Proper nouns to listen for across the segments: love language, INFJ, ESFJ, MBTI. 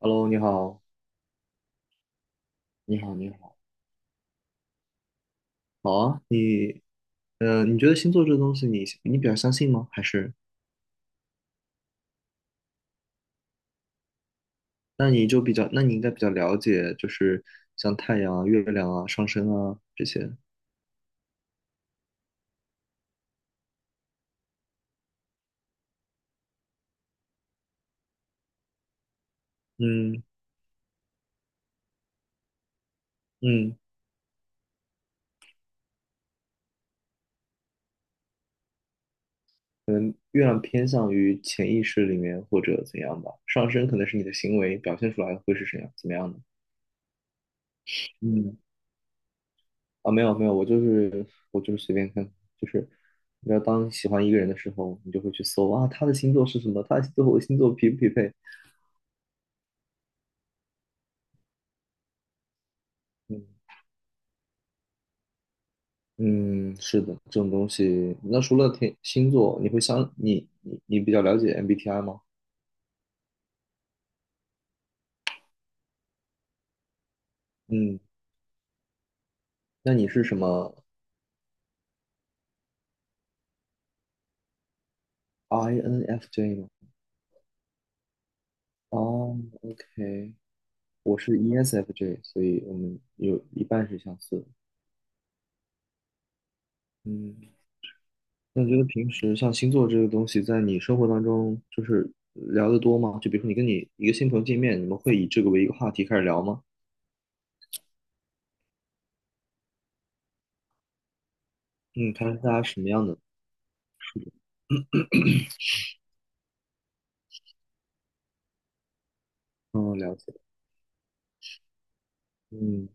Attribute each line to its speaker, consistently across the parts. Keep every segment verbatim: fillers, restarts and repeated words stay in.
Speaker 1: Hello，你好。你好，你好。好啊，你，呃，你觉得星座这个东西你，你比较相信吗？还是，那你就比较，那你应该比较了解，就是像太阳啊、月亮啊、上升啊这些。嗯嗯，可能月亮偏向于潜意识里面或者怎样吧，上升可能是你的行为表现出来会是怎样怎么样的？嗯，啊，没有没有，我就是我就是随便看，就是你要当你喜欢一个人的时候，你就会去搜啊，他的星座是什么，他的星座和我的星座匹不匹配？嗯。嗯，是的，这种东西。那除了天星座，你会相你你你比较了解 MBTI 吗？嗯，那你是什么？ I N F J 吗？哦，OK，我是 E S F J，所以我们有一半是相似的。嗯，那你觉得平时像星座这个东西，在你生活当中就是聊得多吗？就比如说你跟你一个新朋友见面，你们会以这个为一个话题开始聊吗？嗯，他是大家什么样的？嗯，了解。嗯。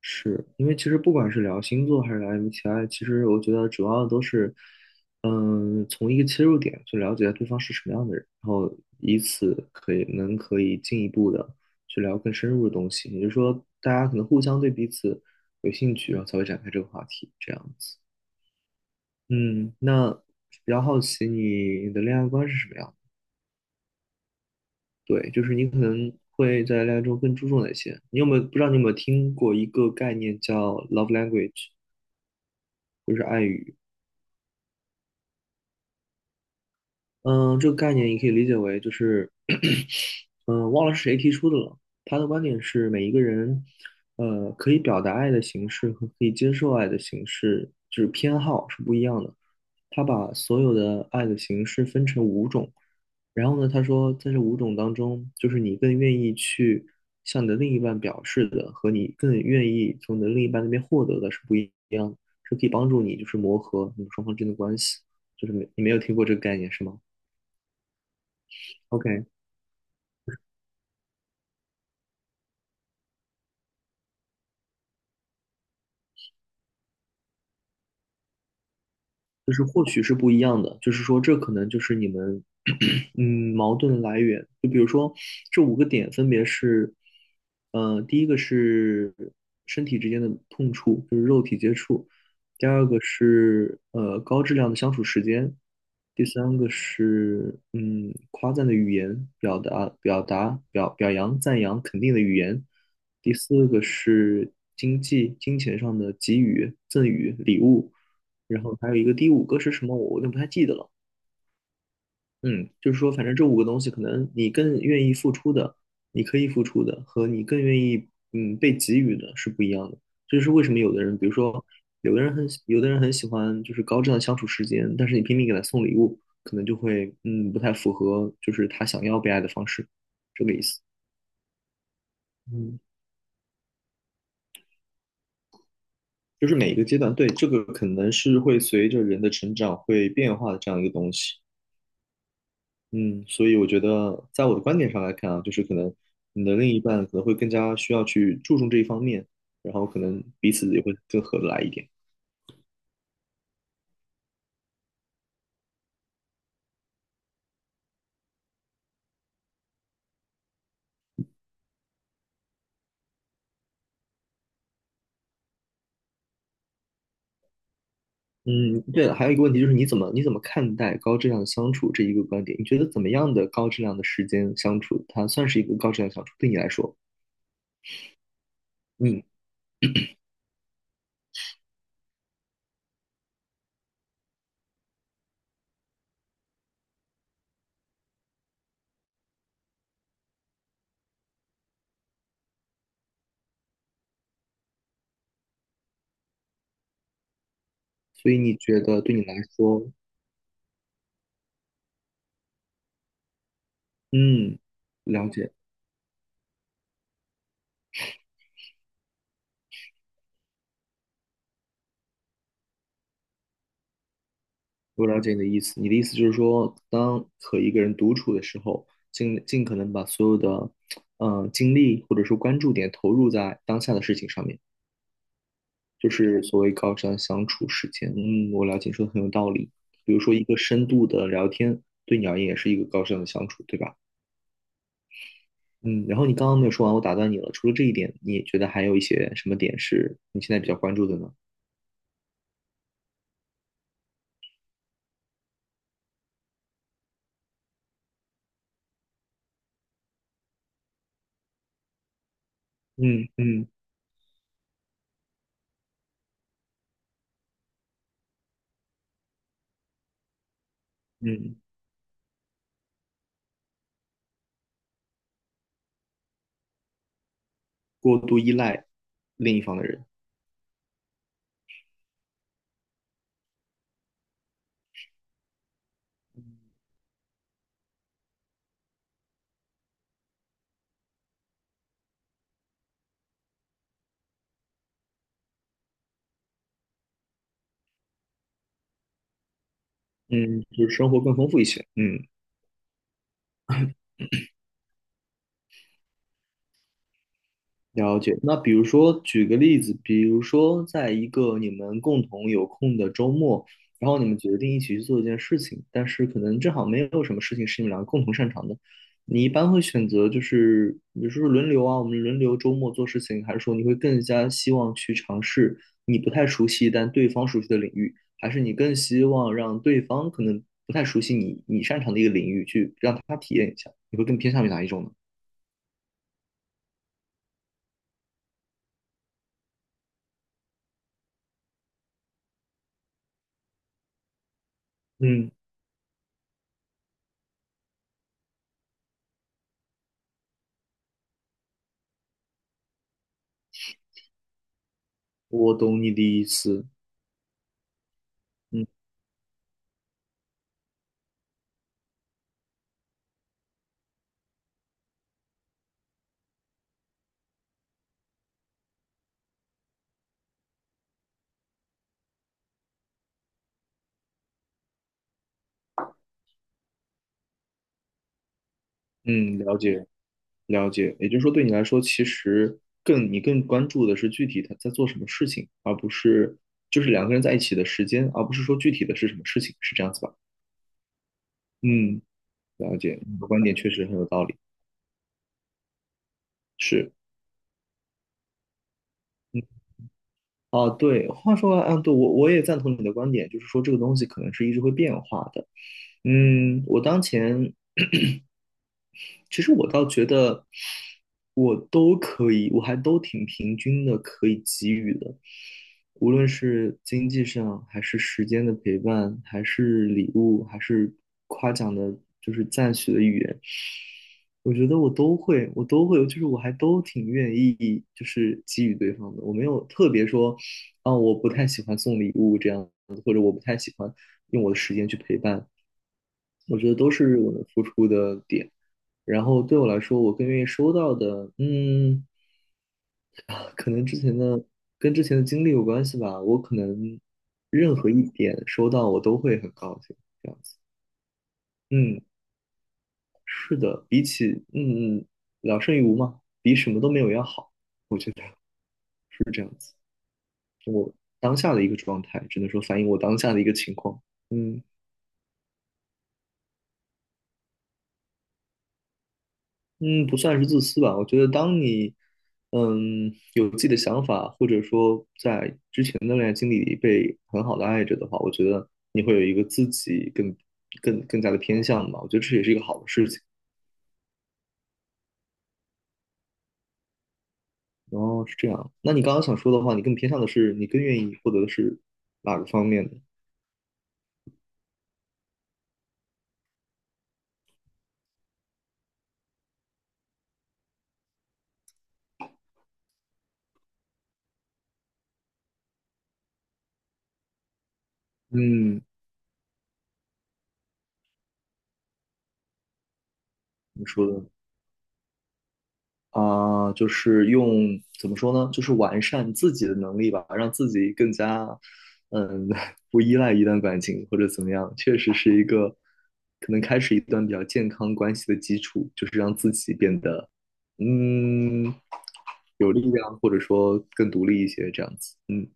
Speaker 1: 是因为其实不管是聊星座还是聊 M B T I，其实我觉得主要都是，嗯，从一个切入点去了解对方是什么样的人，然后以此可以能可以进一步的去聊更深入的东西。也就是说，大家可能互相对彼此有兴趣，然后才会展开这个话题，这样子。嗯，那比较好奇你的恋爱观是什么样的？对，就是你可能会在恋爱中更注重哪些？你有没有不知道你有没有听过一个概念叫 love language？嗯，这个概念你可以理解为就是，嗯，忘了是谁提出的了。他的观点是，每一个人，呃，可以表达爱的形式和可以接受爱的形式，就是偏好是不一样的。他把所有的爱的形式分成五种，然后呢，他说在这五种当中，就是你更愿意去向你的另一半表示的，和你更愿意从你的另一半那边获得的是不一样的。这可以帮助你就是磨合你们双方之间的关系。就是没，你没有听过这个概念是吗？OK，就是或许是不一样的，就是说这可能就是你们 嗯矛盾的来源。就比如说这五个点分别是，呃，第一个是身体之间的碰触，就是肉体接触；第二个是呃高质量的相处时间；第三个是嗯夸赞的语言，表达表达表表扬赞扬肯定的语言；第四个是经济金钱上的给予赠与礼物。然后还有一个第五个是什么，我有点不太记得了。嗯，就是说，反正这五个东西，可能你更愿意付出的，你可以付出的，和你更愿意嗯被给予的是不一样的。这就是为什么有的人，比如说有的人很有的人很喜欢就是高质量相处时间，但是你拼命给他送礼物，可能就会嗯不太符合就是他想要被爱的方式，这个意思。嗯，就是每一个阶段，对，这个可能是会随着人的成长会变化的这样一个东西。嗯，所以我觉得，在我的观点上来看啊，就是可能你的另一半可能会更加需要去注重这一方面，然后可能彼此也会更合得来一点。嗯，对了，还有一个问题就是你怎么你怎么看待高质量的相处这一个观点？你觉得怎么样的高质量的时间相处，它算是一个高质量相处？对你来说，嗯，所以你觉得对你来说，嗯，了解。我了解你的意思，你的意思就是说，当和一个人独处的时候，尽尽可能把所有的，呃，精力或者说关注点投入在当下的事情上面，就是所谓高瞻相处时间。嗯，我了解，你说的很有道理。比如说一个深度的聊天，对你而言也是一个高瞻的相处，对吧？嗯，然后你刚刚没有说完，我打断你了。除了这一点，你觉得还有一些什么点是你现在比较关注的呢？嗯嗯嗯，过度依赖另一方的人，嗯，就是生活更丰富一些。嗯。了解。那比如说，举个例子，比如说，在一个你们共同有空的周末，然后你们决定一起去做一件事情，但是可能正好没有什么事情是你们两个共同擅长的，你一般会选择就是，比如说轮流啊，我们轮流周末做事情，还是说你会更加希望去尝试你不太熟悉但对方熟悉的领域，还是你更希望让对方可能不太熟悉你你擅长的一个领域去让他体验一下，你会更偏向于哪一种呢？嗯，我懂你的意思。嗯。嗯，了解了解，也就是说，对你来说，其实更你更关注的是具体他在做什么事情，而不是就是两个人在一起的时间，而不是说具体的是什么事情，是这样子吧？嗯，了解，你的观点确实很有道理。是，嗯，啊，对，话说完嗯对，我我也赞同你的观点，就是说这个东西可能是一直会变化的。嗯，我当前 其实我倒觉得我都可以，我还都挺平均的，可以给予的，无论是经济上，还是时间的陪伴，还是礼物，还是夸奖的，就是赞许的语言，我觉得我都会，我都会，就是我还都挺愿意，就是给予对方的，我没有特别说，啊，我不太喜欢送礼物这样子，或者我不太喜欢用我的时间去陪伴，我觉得都是我能付出的点。然后对我来说，我更愿意收到的，嗯，啊可能之前的跟之前的经历有关系吧。我可能任何一点收到，我都会很高兴，这样子。嗯，是的，比起嗯嗯聊胜于无嘛，比什么都没有要好。我觉得当下的一个状态，只能说反映我当下的一个情况。嗯。嗯，不算是自私吧。我觉得，当你嗯有自己的想法，或者说在之前的恋爱经历里被很好的爱着的话，我觉得你会有一个自己更更更加的偏向吧。我觉得这也是一个好的事情。哦，是这样。那你刚刚想说的话，你更偏向的是，你更愿意获得的是哪个方面呢？嗯，你说的。啊、就是用怎么说呢？就是完善自己的能力吧，让自己更加，嗯 不依赖一段感情或者怎么样，确实是一个可能开始一段比较健康关系的基础，就是让自己变得，嗯，有力量，或者说更独立一些，这样子。嗯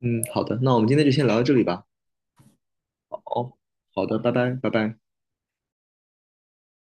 Speaker 1: 嗯，好的，那我们今天就先聊到这里吧。哦，好的，拜拜，拜拜。